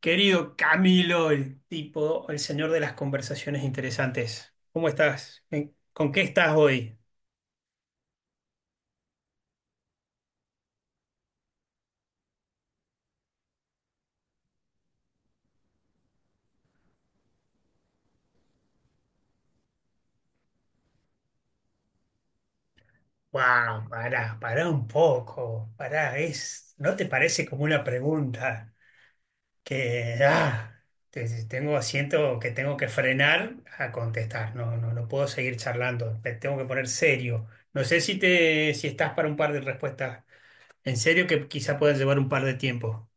Querido Camilo, el tipo, el señor de las conversaciones interesantes. ¿Cómo estás? ¿Con qué estás hoy? Wow, pará, pará un poco, pará, ¿no te parece como una pregunta que tengo, siento que tengo que frenar a contestar. No, no, no puedo seguir charlando, me tengo que poner serio. No sé si te, si estás para un par de respuestas en serio que quizá puedan llevar un par de tiempo.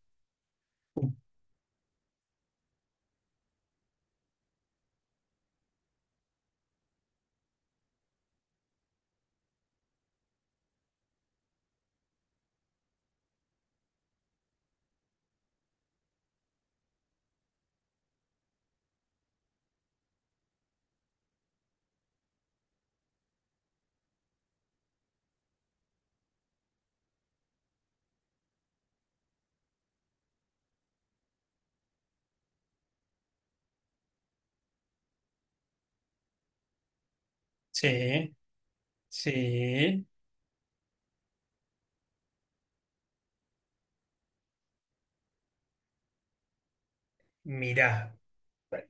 Sí, sí. Mirá,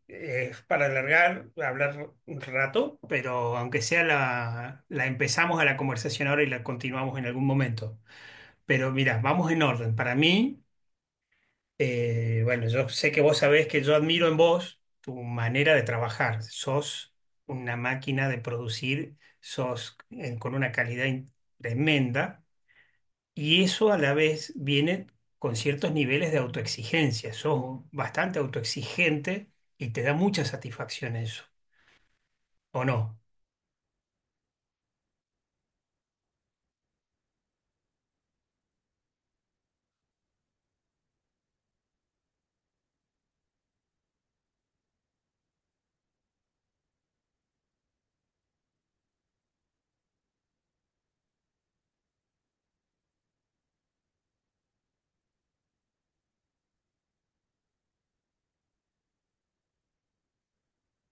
es para alargar, hablar un rato, pero aunque sea la empezamos a la conversación ahora y la continuamos en algún momento. Pero mira, vamos en orden. Para mí, bueno, yo sé que vos sabés que yo admiro en vos tu manera de trabajar. Sos una máquina de producir, sos con una calidad tremenda y eso a la vez viene con ciertos niveles de autoexigencia. Sos bastante autoexigente y te da mucha satisfacción eso. ¿O no?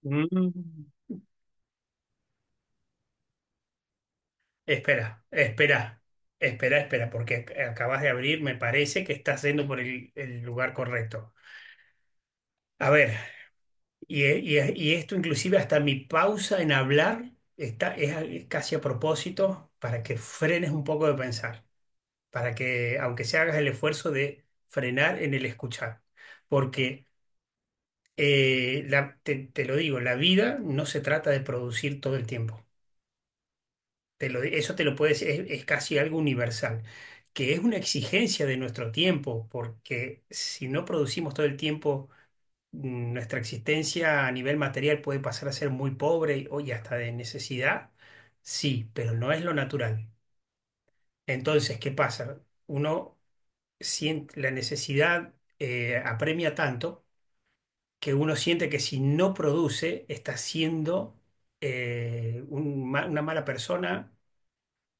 Mm. Espera, espera, espera, espera, porque acabas de abrir, me parece que estás yendo por el lugar correcto. A ver, y esto inclusive hasta mi pausa en hablar es casi a propósito para que frenes un poco de pensar, para que aunque se hagas el esfuerzo de frenar en el escuchar, porque te, te lo digo, la vida no se trata de producir todo el tiempo. Eso te lo puedes, es casi algo universal, que es una exigencia de nuestro tiempo, porque si no producimos todo el tiempo, nuestra existencia a nivel material puede pasar a ser muy pobre y- o y hasta de necesidad, sí, pero no es lo natural. Entonces, ¿qué pasa? Uno siente la necesidad, apremia tanto que uno siente que si no produce, está siendo una mala persona,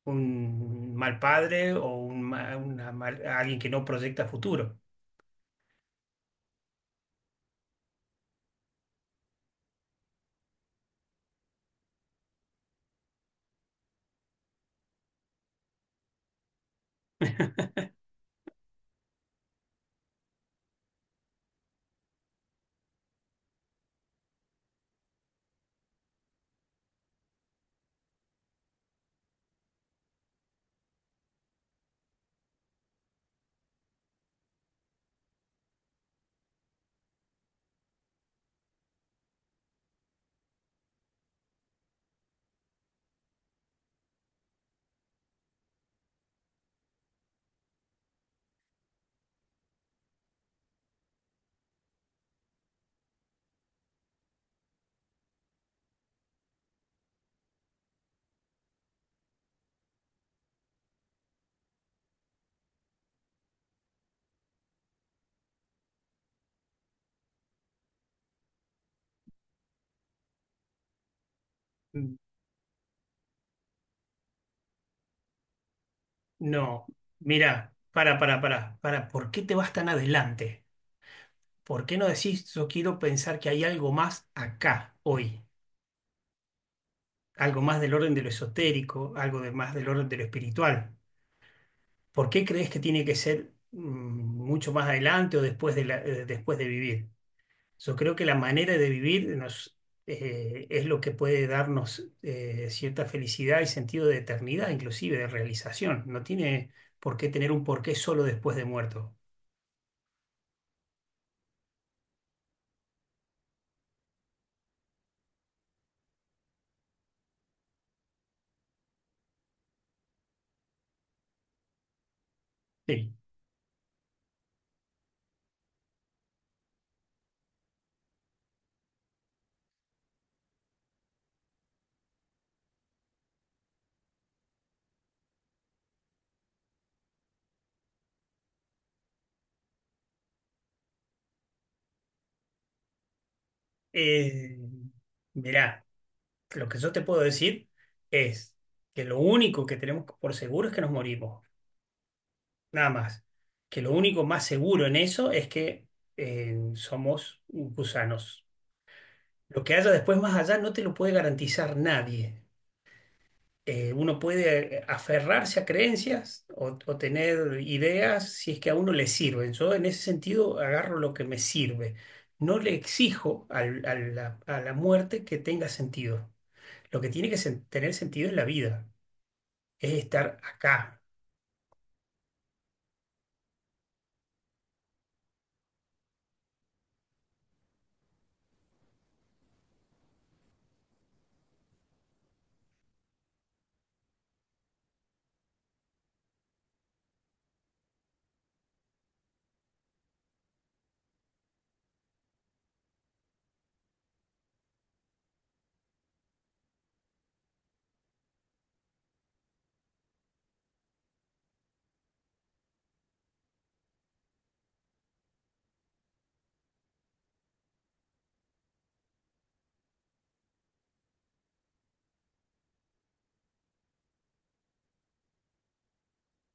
un mal padre o un ma- una mal- alguien que no proyecta futuro. Mm. No, mira, para, ¿por qué te vas tan adelante? ¿Por qué no decís, yo quiero pensar que hay algo más acá, hoy? Algo más del orden de lo esotérico, algo de más del orden de lo espiritual. ¿Por qué crees que tiene que ser mucho más adelante o después de después de vivir? Yo creo que la manera de vivir nos, es lo que puede darnos cierta felicidad y sentido de eternidad, inclusive de realización. No tiene por qué tener un porqué solo después de muerto. Sí. Eh, Mirá, lo que yo te puedo decir es que lo único que tenemos por seguro es que nos morimos, nada más. Que lo único más seguro en eso es que somos gusanos. Lo que haya después más allá no te lo puede garantizar nadie. Uno puede aferrarse a creencias o tener ideas si es que a uno le sirven. Yo en ese sentido agarro lo que me sirve. No le exijo a la muerte que tenga sentido. Lo que tiene que tener sentido es la vida, es estar acá.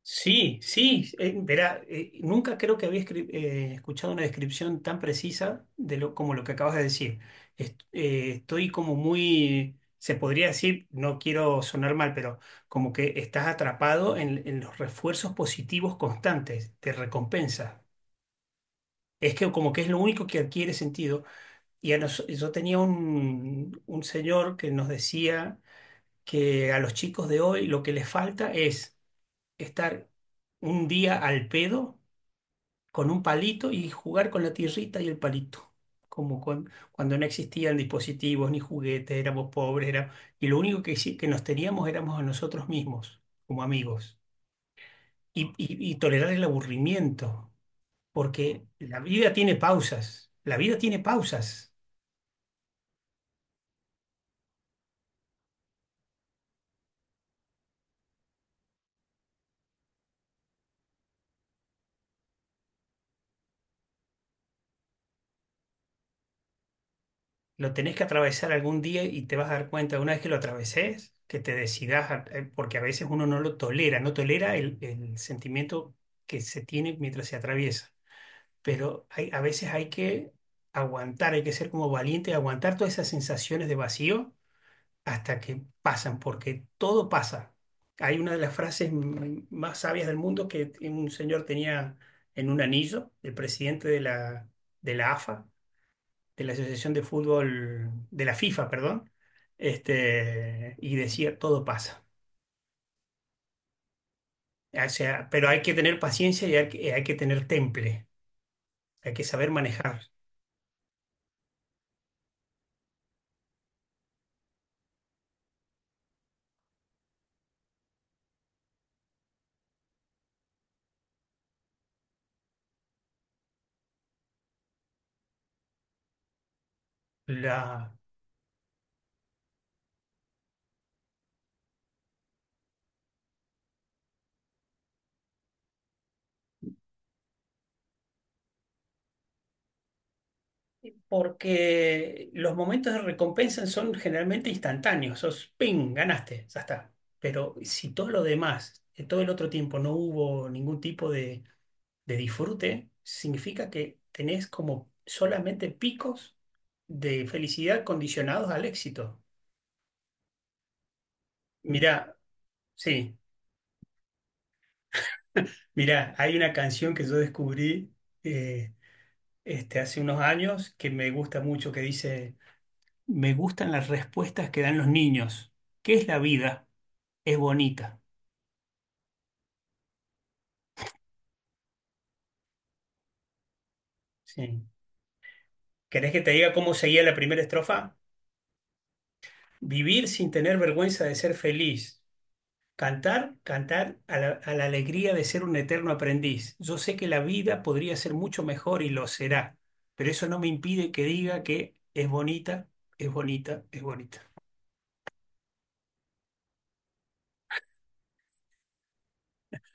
Sí, sí, verá, nunca creo que había escuchado una descripción tan precisa de lo, como lo que acabas de decir. Estoy como muy, se podría decir, no quiero sonar mal, pero como que estás atrapado en los refuerzos positivos constantes de recompensa. Es que como que es lo único que adquiere sentido. Yo tenía un señor que nos decía que a los chicos de hoy lo que les falta es estar un día al pedo con un palito y jugar con la tierrita y el palito. Como cuando no existían dispositivos ni juguetes, éramos pobres, era, y lo único que nos teníamos éramos a nosotros mismos, como amigos. Y tolerar el aburrimiento, porque la vida tiene pausas, la vida tiene pausas. Lo tenés que atravesar algún día y te vas a dar cuenta, una vez que lo atraveses, que te decidas, porque a veces uno no lo tolera, no tolera el sentimiento que se tiene mientras se atraviesa. Pero a veces hay que aguantar, hay que ser como valiente y aguantar todas esas sensaciones de vacío hasta que pasan, porque todo pasa. Hay una de las frases más sabias del mundo que un señor tenía en un anillo, el presidente de la AFA, de la Asociación de Fútbol, de la FIFA, perdón, este, y decía, todo pasa. O sea, pero hay que tener paciencia y hay que tener temple, hay que saber manejar porque los momentos de recompensa son generalmente instantáneos, sos ping, ganaste, ya está. Pero si todo lo demás, en todo el otro tiempo no hubo ningún tipo de disfrute, significa que tenés como solamente picos de felicidad condicionados al éxito. Mirá, sí, mirá, hay una canción que yo descubrí eh, hace unos años que me gusta mucho, que dice, me gustan las respuestas que dan los niños. ¿Qué es la vida? Es bonita. Sí. ¿Querés que te diga cómo seguía la primera estrofa? Vivir sin tener vergüenza de ser feliz. Cantar, cantar a a la alegría de ser un eterno aprendiz. Yo sé que la vida podría ser mucho mejor y lo será, pero eso no me impide que diga que es bonita, es bonita, es bonita.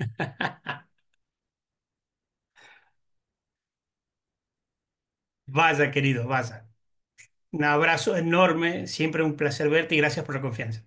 Vaya, querido, vaya. Un abrazo enorme, siempre un placer verte y gracias por la confianza.